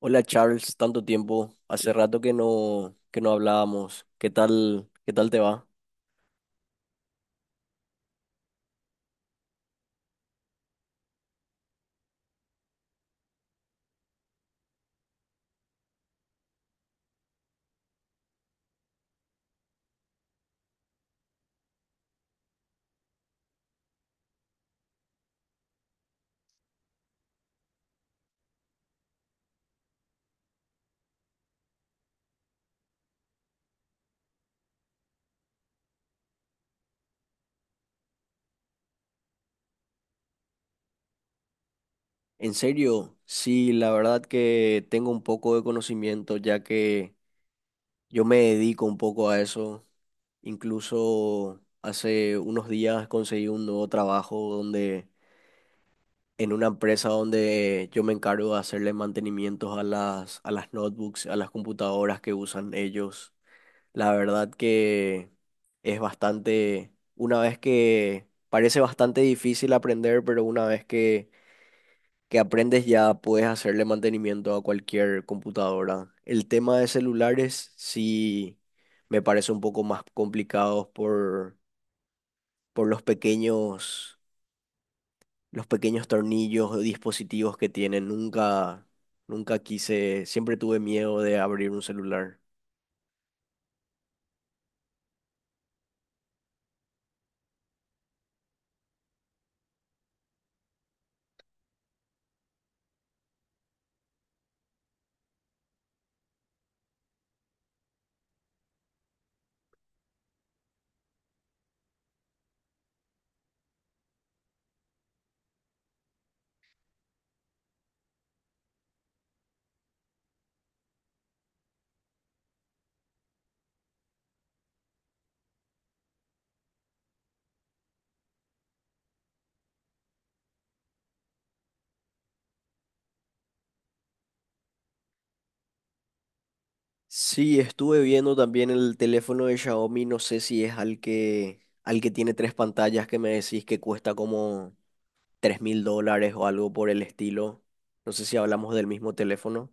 Hola Charles, tanto tiempo. Hace rato que que no hablábamos. ¿Qué tal te va? En serio, sí, la verdad que tengo un poco de conocimiento ya que yo me dedico un poco a eso. Incluso hace unos días conseguí un nuevo trabajo donde en una empresa donde yo me encargo de hacerle mantenimientos a las notebooks, a las computadoras que usan ellos. La verdad que es bastante, una vez que parece bastante difícil aprender, pero una vez que aprendes ya puedes hacerle mantenimiento a cualquier computadora. El tema de celulares sí me parece un poco más complicado por los pequeños tornillos o dispositivos que tienen. Nunca quise, siempre tuve miedo de abrir un celular. Sí, estuve viendo también el teléfono de Xiaomi, no sé si es al que tiene tres pantallas que me decís que cuesta como $3000 o algo por el estilo. No sé si hablamos del mismo teléfono.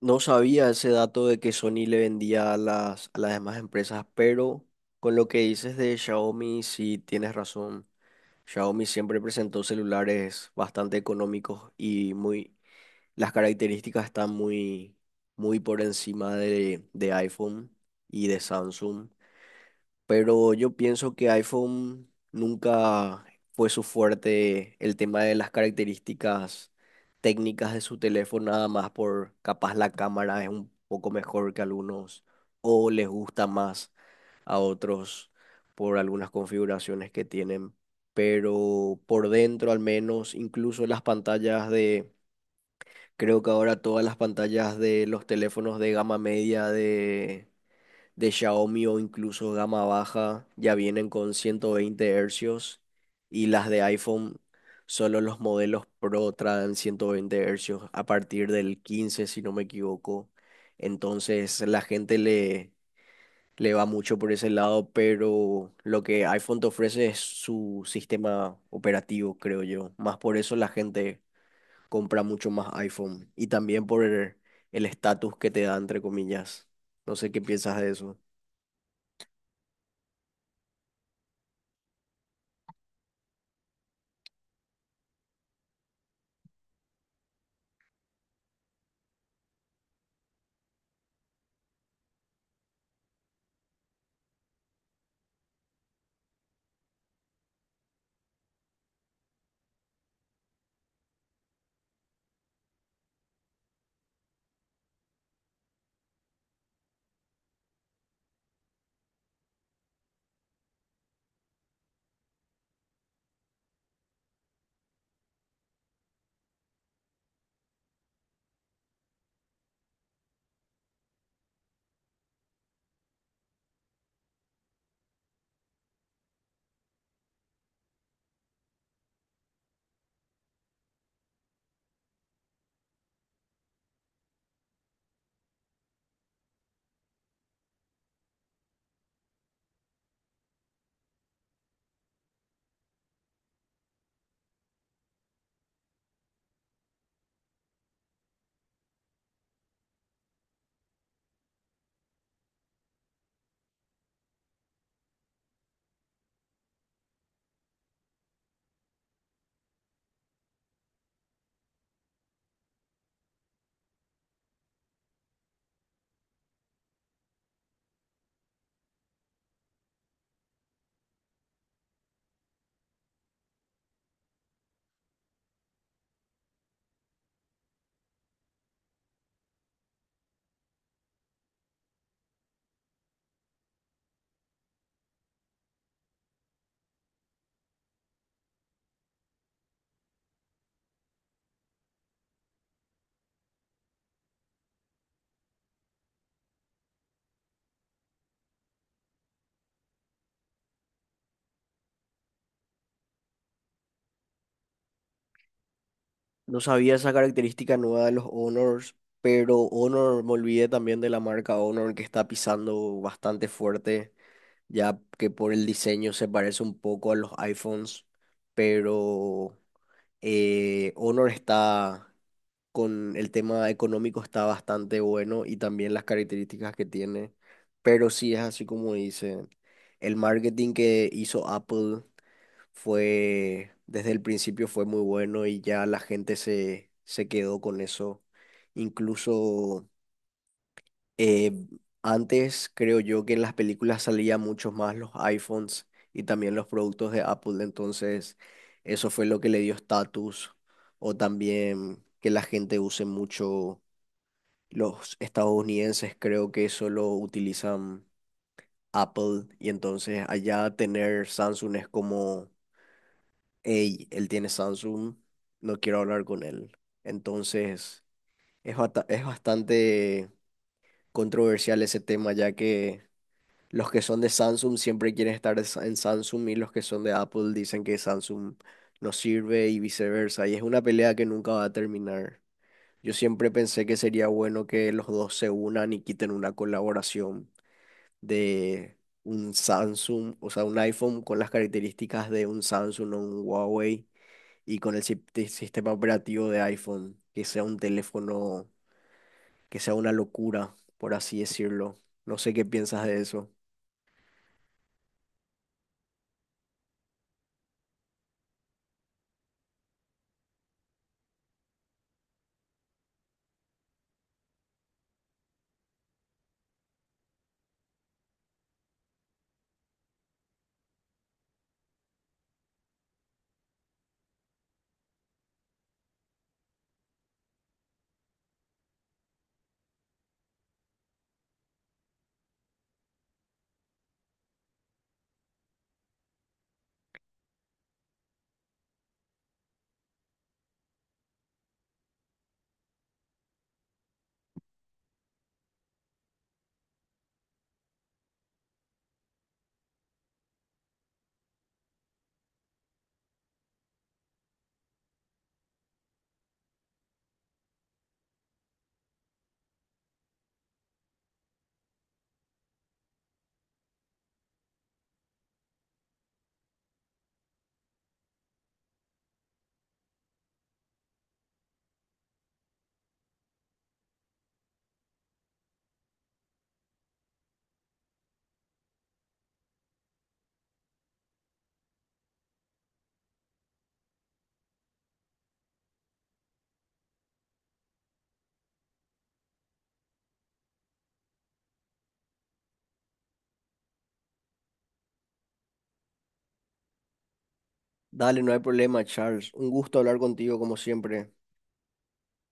No sabía ese dato de que Sony le vendía a las demás empresas, pero con lo que dices de Xiaomi, sí tienes razón. Xiaomi siempre presentó celulares bastante económicos y muy, las características están muy, muy por encima de iPhone y de Samsung, pero yo pienso que iPhone nunca fue su fuerte el tema de las características técnicas de su teléfono, nada más por capaz la cámara es un poco mejor que algunos o les gusta más a otros por algunas configuraciones que tienen, pero por dentro al menos, incluso las pantallas de creo que ahora todas las pantallas de los teléfonos de gama media de Xiaomi o incluso gama baja ya vienen con 120 hercios y las de iPhone, solo los modelos Pro traen 120 hercios a partir del 15, si no me equivoco. Entonces la gente le va mucho por ese lado, pero lo que iPhone te ofrece es su sistema operativo, creo yo. Más por eso la gente compra mucho más iPhone y también por el estatus que te da, entre comillas. No sé qué piensas de eso. No sabía esa característica nueva de los Honors, pero Honor, me olvidé también de la marca Honor que está pisando bastante fuerte, ya que por el diseño se parece un poco a los iPhones, pero Honor está con el tema económico está bastante bueno y también las características que tiene, pero sí es así como dice, el marketing que hizo Apple fue, desde el principio fue muy bueno y ya la gente se quedó con eso. Incluso eh, antes creo yo que en las películas salían muchos más los iPhones y también los productos de Apple, entonces eso fue lo que le dio estatus o también que la gente use mucho los estadounidenses creo que solo utilizan Apple y entonces allá tener Samsung es como, hey, él tiene Samsung, no quiero hablar con él. Entonces es, es bastante controversial ese tema ya que los que son de Samsung siempre quieren estar en en Samsung y los que son de Apple dicen que Samsung no sirve y viceversa. Y es una pelea que nunca va a terminar. Yo siempre pensé que sería bueno que los dos se unan y quiten una colaboración de un Samsung, o sea, un iPhone con las características de un Samsung o un Huawei y con el sistema operativo de iPhone, que sea un teléfono, que sea una locura, por así decirlo. No sé qué piensas de eso. Dale, no hay problema, Charles. Un gusto hablar contigo como siempre.